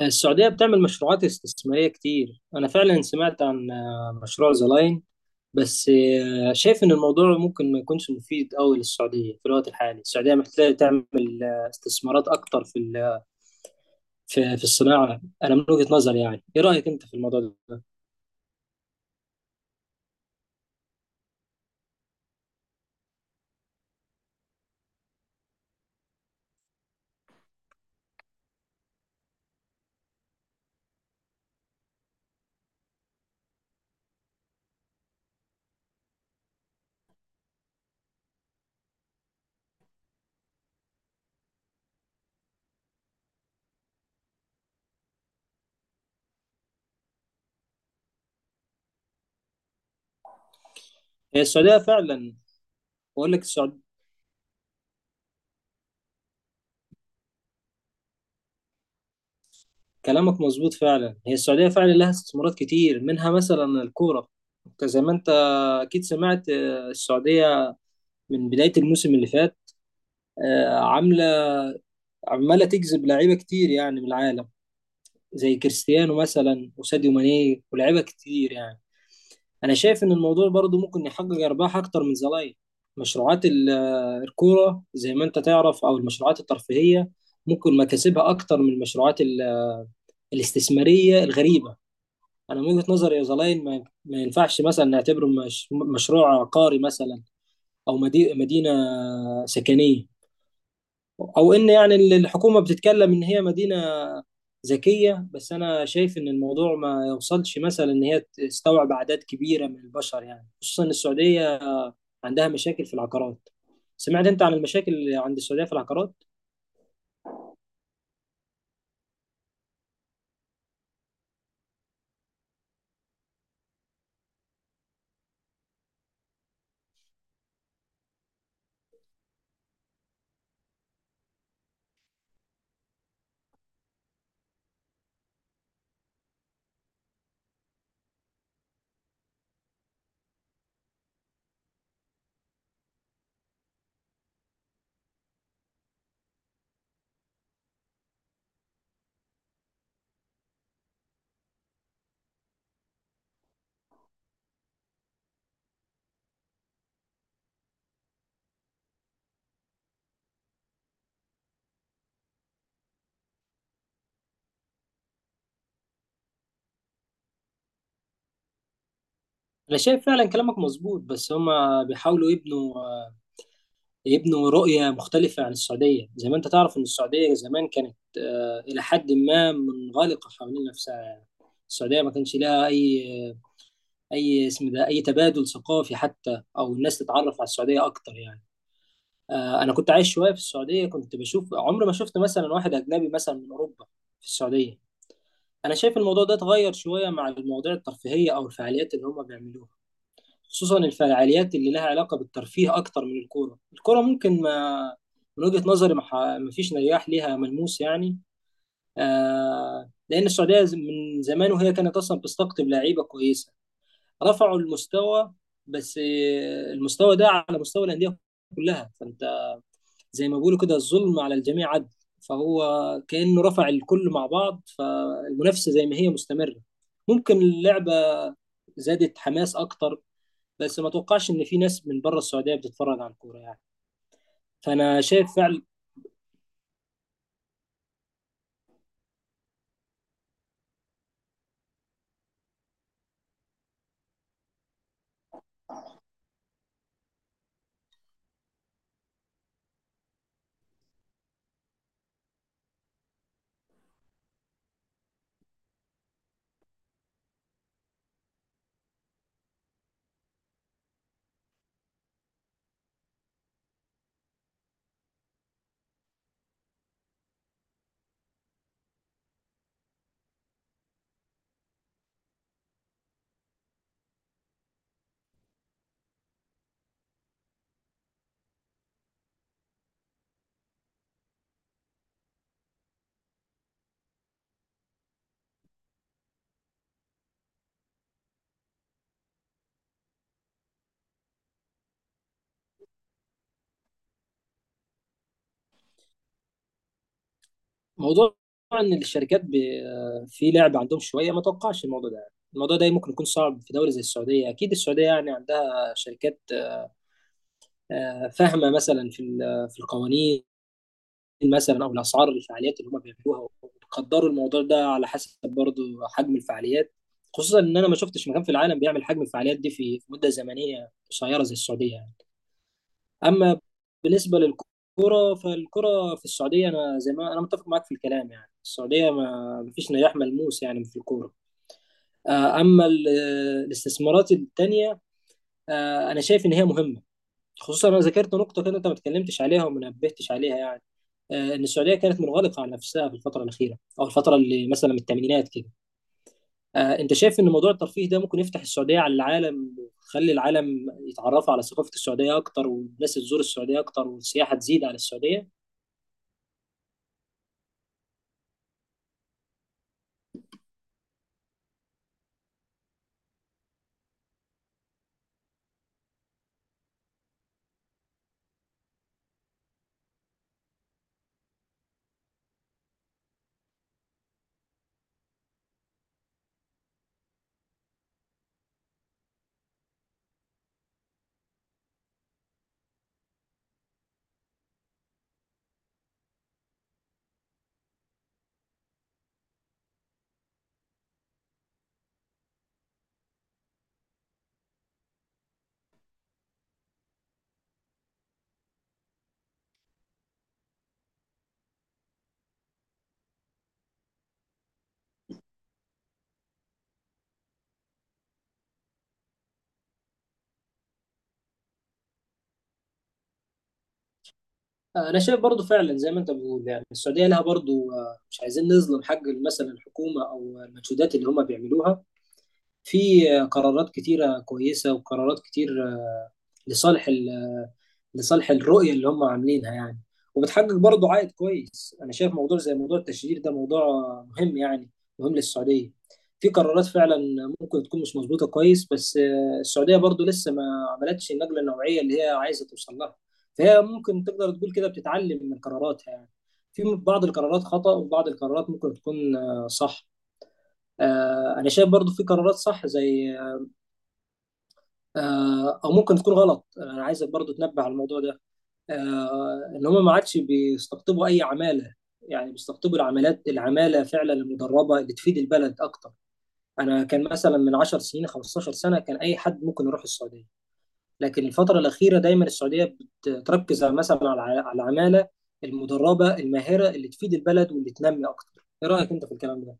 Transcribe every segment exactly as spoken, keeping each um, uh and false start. السعودية بتعمل مشروعات استثمارية كتير. أنا فعلا سمعت عن آه، مشروع ذا لاين. بس آه، شايف إن الموضوع ممكن ما يكونش مفيد أوي للسعودية في الوقت الحالي. السعودية محتاجة تعمل آه، استثمارات أكتر في ال- في في الصناعة. أنا من وجهة نظري، يعني إيه رأيك أنت في الموضوع ده؟ هي السعودية فعلا. بقول لك السعود... كلامك مظبوط فعلا. هي السعودية فعلا لها استثمارات كتير، منها مثلا الكورة. أنت زي ما أنت أكيد سمعت آه، السعودية من بداية الموسم اللي فات آه، عاملة عماله تجذب لعيبه كتير يعني من العالم، زي كريستيانو مثلا وساديو ماني ولاعيبه كتير يعني. انا شايف ان الموضوع برضو ممكن يحقق ارباح اكتر من زمان. مشروعات ال- الكوره زي ما انت تعرف، او المشروعات الترفيهيه ممكن مكاسبها اكتر من المشروعات ال- الاستثماريه الغريبه. انا من وجهه نظري، يا زلاين، ما ما ينفعش مثلا نعتبره مش مشروع عقاري مثلا، او مدي- مدينه سكنيه، او ان يعني ال- الحكومه بتتكلم ان هي مدينه ذكيه. بس انا شايف ان الموضوع ما يوصلش مثلا ان هي تستوعب اعداد كبيره من البشر يعني، خصوصا إن السعوديه عندها مشاكل في العقارات. سمعت انت عن المشاكل اللي عند السعوديه في العقارات؟ انا شايف فعلا كلامك مظبوط، بس هما بيحاولوا يبنوا يبنوا رؤيه مختلفه عن السعوديه. زي ما انت تعرف ان السعوديه زمان كانت آه، الى حد ما منغلقه حوالين نفسها يعني. السعوديه ما كانش لها اي اي اسم، ده اي تبادل ثقافي حتى، او الناس تتعرف على السعوديه اكتر يعني. آه، انا كنت عايش شويه في السعوديه، كنت بشوف، عمري ما شفت مثلا واحد اجنبي مثلا من اوروبا في السعوديه. انا شايف الموضوع ده اتغير شويه مع المواضيع الترفيهيه او الفعاليات اللي هم بيعملوها، خصوصا الفعاليات اللي لها علاقه بالترفيه اكتر من الكوره. الكوره ممكن ما، من وجهه نظري، ما ح- ما فيش نجاح ليها ملموس يعني. آه، لان السعوديه ز- من زمان وهي كانت اصلا بتستقطب لعيبه كويسه، رفعوا المستوى. بس آه، المستوى ده على مستوى الانديه كلها، فانت زي ما بيقولوا كده، الظلم على الجميع عدل. فهو كانه رفع الكل مع بعض، فالمنافسه زي ما هي مستمره. ممكن اللعبه زادت حماس اكتر، بس ما توقعش ان في ناس من بره السعوديه بتتفرج على الكوره يعني. فانا شايف فعلا موضوع ان الشركات ب... في لعب عندهم شويه، ما توقعش الموضوع ده. الموضوع ده ممكن يكون صعب في دوله زي السعوديه. اكيد السعوديه يعني عندها شركات آه، فاهمه، مثلا في ال- في القوانين مثلا او الاسعار الفعاليات اللي هم بيعملوها، وبيقدروا الموضوع ده على حسب برضه حجم الفعاليات. خصوصا ان انا ما شفتش مكان في العالم بيعمل حجم الفعاليات دي في في مده زمنيه قصيره زي السعوديه يعني. اما بالنسبه للكره، فالكره في السعوديه انا زي ما انا متفق معاك في الكلام يعني، السعوديه ما ما فيش نجاح ملموس يعني في الكوره. آه، اما ال- الاستثمارات التانيه، آه، انا شايف ان هي مهمه. خصوصا انا ذكرت نقطه كده انت ما اتكلمتش عليها وما نبهتش عليها يعني، آه، ان السعوديه كانت منغلقه على نفسها في الفتره الاخيره، او الفتره اللي مثلا من الثمانينات كده. آه، انت شايف ان موضوع الترفيه ده ممكن يفتح السعوديه على العالم، ويخلي العالم يتعرفوا على ثقافه السعوديه اكتر، والناس تزور السعوديه اكتر، والسياحه تزيد على السعوديه؟ آه، انا شايف برضو فعلا زي ما انت بتقول يعني، السعوديه لها برضو آه، مش عايزين نظلم حق مثلا الحكومه او المجهودات اللي هم بيعملوها. في آه، قرارات كتيره كويسه، وقرارات كتير آه، لصالح لصالح الرؤية اللي هم عاملينها يعني. وبتحقق برضه عائد كويس. أنا شايف موضوع زي موضوع التشجير ده موضوع مهم يعني، مهم للسعودية. في قرارات فعلا ممكن تكون مش مظبوطة كويس، بس آه، السعودية برضه لسه ما عملتش النقلة النوعية اللي هي عايزة توصل لها. فهي ممكن تقدر تقول كده بتتعلم من قراراتها يعني. في بعض القرارات خطأ، وبعض القرارات ممكن تكون آه، صح. آه، أنا شايف برضه في قرارات صح، زي، آه، أو ممكن تكون غلط. أنا عايزك برضه تنبه على الموضوع ده، آه، ان هم ما عادش بيستقطبوا اي عماله، يعني بيستقطبوا العمالات، العماله فعلا المدربه اللي تفيد البلد اكتر. انا كان مثلا من 10 سنين، خمسة عشر سنة سنه، كان اي حد ممكن يروح السعوديه، لكن الفتره الاخيره دايما السعوديه بتركز على- مثلا على على العماله المدربه الماهره اللي تفيد البلد واللي تنمي اكتر. ايه رايك انت في الكلام ده؟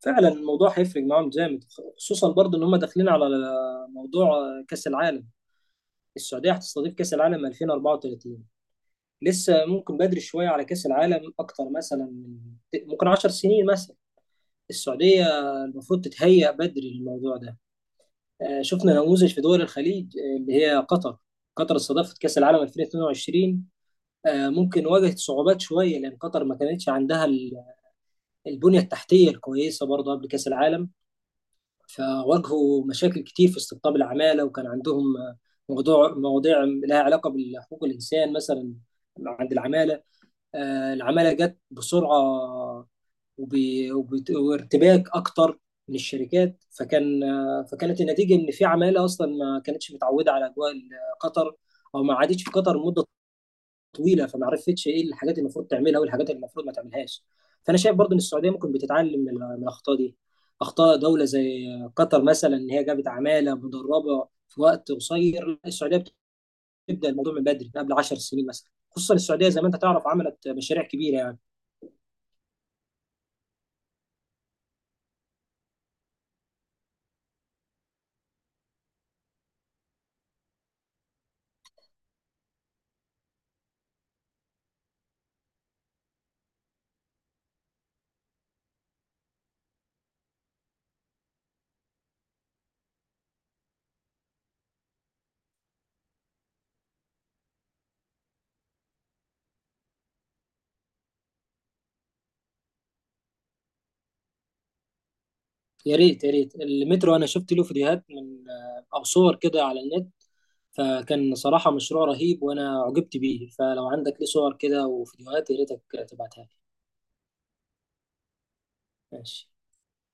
فعلا الموضوع هيفرق معاهم جامد، خصوصا برضو ان هم داخلين على موضوع كاس العالم. السعوديه هتستضيف كاس العالم ألفين وأربعة وثلاثين. لسه ممكن بدري شويه على كاس العالم، اكتر مثلا من، ممكن 10 سنين مثلا. السعوديه المفروض تتهيأ بدري للموضوع ده. آه، شفنا نموذج في دول الخليج، آه، اللي هي قطر. قطر استضافت كاس العالم ألفين واتنين وعشرين، آه، ممكن واجهت صعوبات شويه لان قطر ما كانتش عندها ال- البنيه التحتيه الكويسه برضه قبل كاس العالم. فواجهوا مشاكل كتير في استقطاب العماله، وكان عندهم آه، موضوع، مواضيع لها علاقه بحقوق الانسان مثلا عند العماله. آه، العمالة جت بسرعة، وب- وبت- وارتباك أكتر من الشركات. فكان آه، فكانت النتيجة إن في عمالة أصلا ما كانتش متعودة على أجواء ال- قطر، أو ما قعدتش في قطر مدة طويلة، فما عرفتش إيه الحاجات اللي المفروض تعملها والحاجات اللي المفروض ما تعملهاش. فأنا شايف برضو إن السعودية ممكن بتتعلم من من الأخطاء دي، أخطاء دولة زي قطر مثلا، إن هي جابت عمالة مدربة في وقت قصير. لا، السعودية بتبدأ الموضوع من بدري، من قبل 10 سنين مثلا، خصوصا السعودية زي ما أنت تعرف عملت مشاريع كبيرة يعني. يا ريت، يا ريت. المترو انا شفت له فيديوهات من آه، او صور كده على النت، فكان صراحة مشروع رهيب وانا عجبت بيه. فلو عندك ليه صور كده وفيديوهات، يا ريتك تبعتها لي. ماشي.